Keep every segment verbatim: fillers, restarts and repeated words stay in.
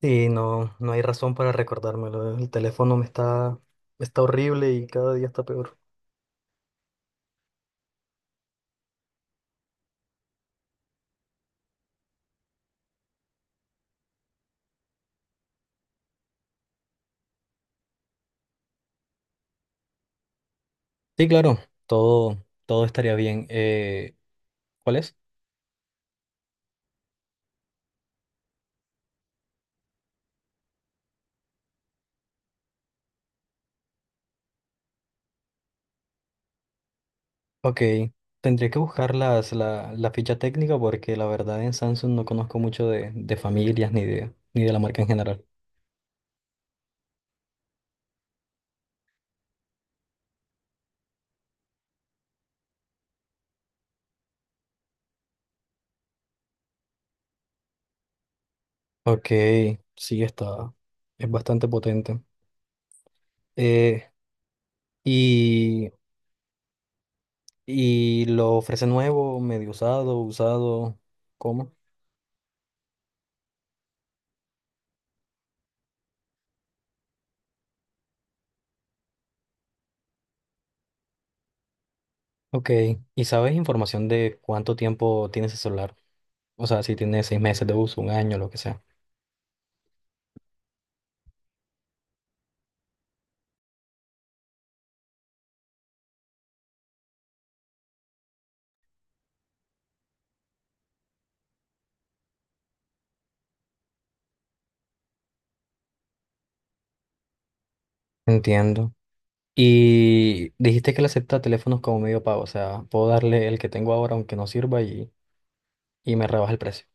Sí, no, no hay razón para recordármelo. El teléfono me está, está horrible y cada día está peor. Sí, claro, todo, todo estaría bien. Eh, ¿cuál es? Ok, tendría que buscar las, la, la ficha técnica porque la verdad en Samsung no conozco mucho de, de familias ni de, ni de la marca en general. Ok, sí, está, es bastante potente. Eh, y, y lo ofrece nuevo, medio usado, usado, ¿cómo? Ok, ¿y sabes información de cuánto tiempo tiene ese celular? O sea, si tiene seis meses de uso, un año, lo que sea. Entiendo. Y dijiste que le acepta teléfonos como medio pago, o sea, puedo darle el que tengo ahora aunque no sirva y, y me rebaja el precio.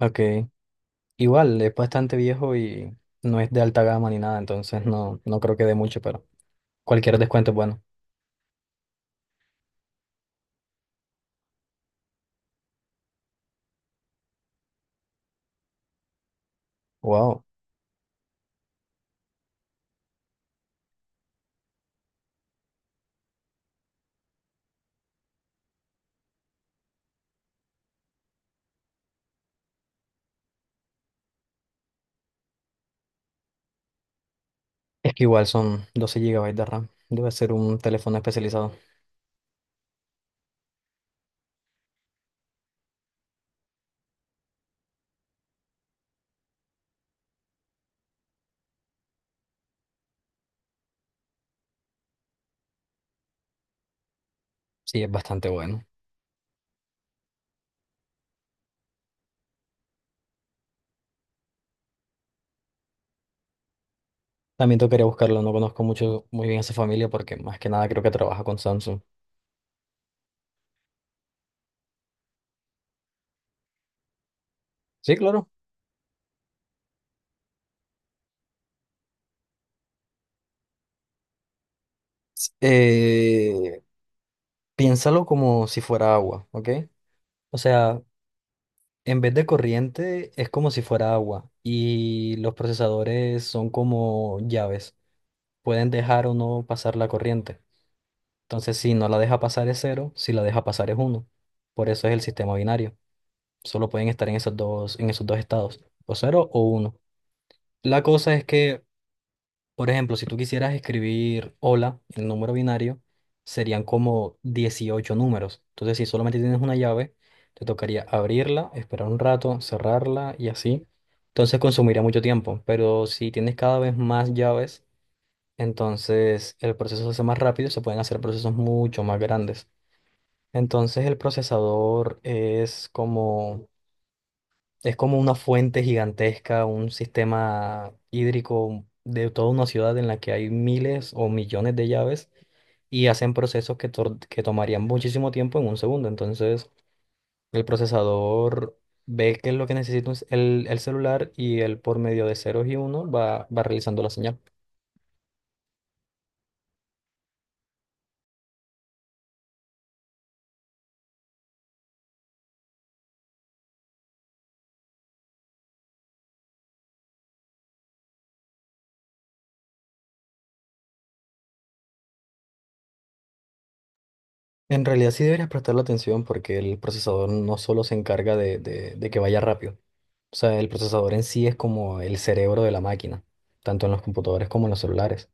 Ok, igual, es bastante viejo y no es de alta gama ni nada, entonces no, no creo que dé mucho, pero cualquier descuento es bueno. Wow, es que igual son doce gigabytes de RAM, debe ser un teléfono especializado. Sí, es bastante bueno. También tocaría buscarlo, no conozco mucho, muy bien a esa familia porque más que nada creo que trabaja con Samsung. Sí, claro. S- eh, Piénsalo como si fuera agua, ¿ok? O sea, en vez de corriente es como si fuera agua y los procesadores son como llaves. Pueden dejar o no pasar la corriente. Entonces, si no la deja pasar es cero, si la deja pasar es uno. Por eso es el sistema binario. Solo pueden estar en esos dos, en esos dos estados, o cero o uno. La cosa es que, por ejemplo, si tú quisieras escribir hola en número binario, serían como dieciocho números. Entonces, si solamente tienes una llave, te tocaría abrirla, esperar un rato, cerrarla y así. Entonces, consumiría mucho tiempo. Pero si tienes cada vez más llaves, entonces el proceso se hace más rápido, se pueden hacer procesos mucho más grandes. Entonces, el procesador es como es como una fuente gigantesca, un sistema hídrico de toda una ciudad en la que hay miles o millones de llaves y hacen procesos que, tor- que tomarían muchísimo tiempo en un segundo. Entonces, el procesador ve que es lo que necesita un s- el, el celular y él por medio de ceros y uno va, va realizando la señal. En realidad sí deberías prestarle atención porque el procesador no solo se encarga de, de de que vaya rápido. O sea, el procesador en sí es como el cerebro de la máquina, tanto en los computadores como en los celulares.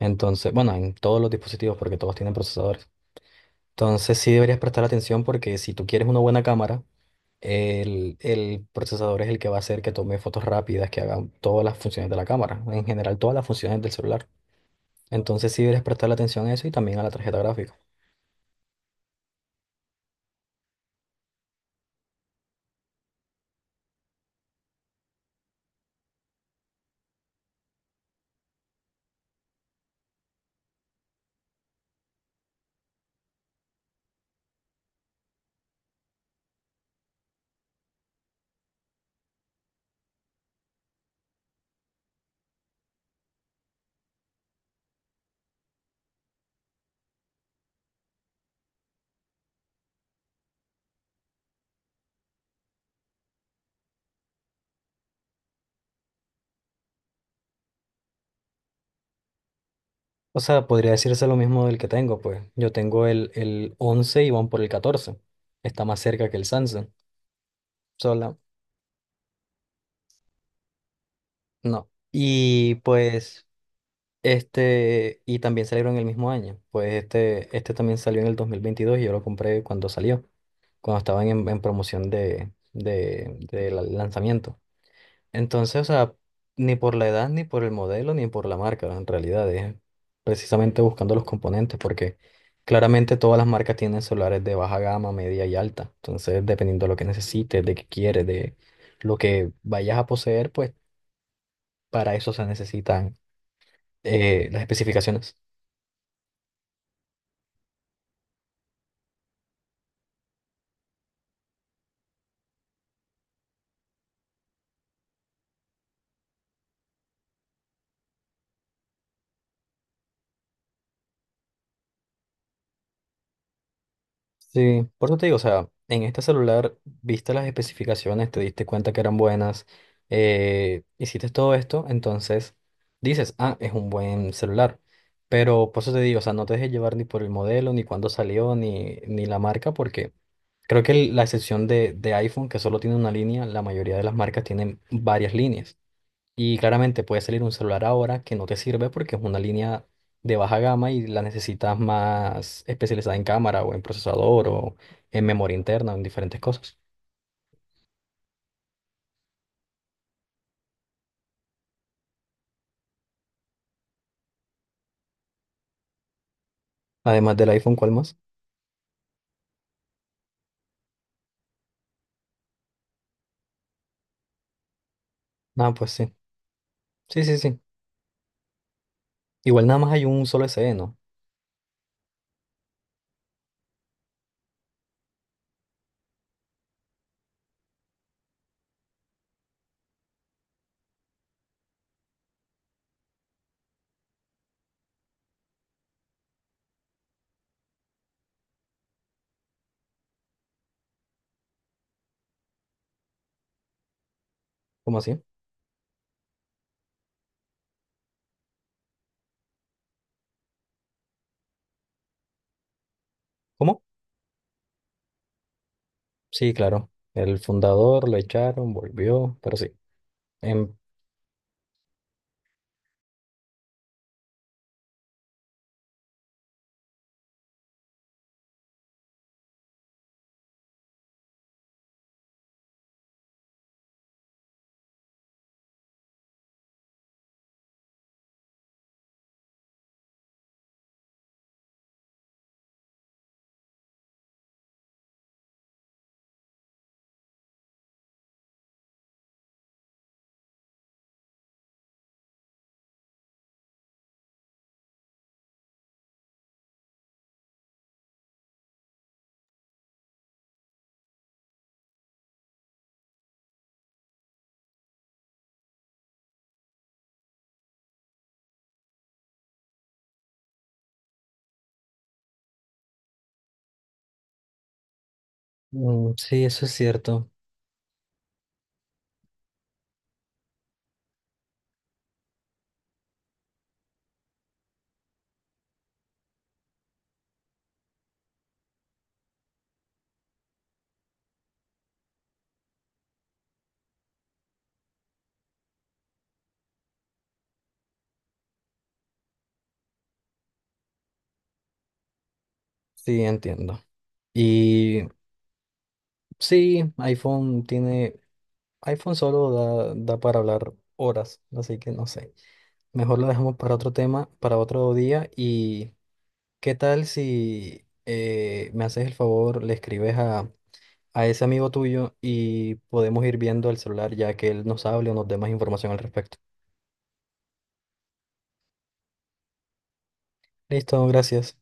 Entonces, bueno, en todos los dispositivos, porque todos tienen procesadores. Entonces sí deberías prestar atención porque si tú quieres una buena cámara, el, el procesador es el que va a hacer que tome fotos rápidas, que haga todas las funciones de la cámara, en general todas las funciones del celular. Entonces sí deberías prestarle atención a eso y también a la tarjeta gráfica. O sea, podría decirse lo mismo del que tengo, pues yo tengo el, el once y van por el catorce. Está más cerca que el Samsung. Sola, no. Y pues Este, y también salieron el mismo año. Pues este, este también salió en el dos mil veintidós y yo lo compré cuando salió, cuando estaban en, en promoción de, de, del lanzamiento. Entonces, o sea, ni por la edad, ni por el modelo, ni por la marca, en realidad es precisamente buscando los componentes, porque claramente todas las marcas tienen celulares de baja gama, media y alta. Entonces, dependiendo de lo que necesites, de qué quieres, de lo que vayas a poseer, pues para eso se necesitan eh, las especificaciones. Sí, por eso te digo, o sea, en este celular viste las especificaciones, te diste cuenta que eran buenas, eh, hiciste todo esto, entonces dices, ah, es un buen celular. Pero por eso te digo, o sea, no te dejes llevar ni por el modelo, ni cuándo salió, ni, ni la marca, porque creo que el- la excepción de, de iPhone, que solo tiene una línea, la mayoría de las marcas tienen varias líneas. Y claramente puede salir un celular ahora que no te sirve porque es una línea de baja gama y la necesitas más especializada en cámara o en procesador o en memoria interna o en diferentes cosas. Además del iPhone, ¿cuál más? Ah, pues sí. Sí, sí, sí. Igual nada más hay un solo S SE, ¿no? ¿Cómo así? ¿Cómo? Sí, claro. El fundador lo echaron, volvió, pero sí. Em, mm, sí, eso es cierto. Sí, entiendo. Y sí, iPhone tiene iPhone solo da, da para hablar horas, así que no sé. Mejor lo dejamos para otro tema, para otro día. ¿Y qué tal si eh, me haces el favor, le escribes a, a ese amigo tuyo y podemos ir viendo el celular ya que él nos hable o nos dé más información al respecto? Listo, gracias.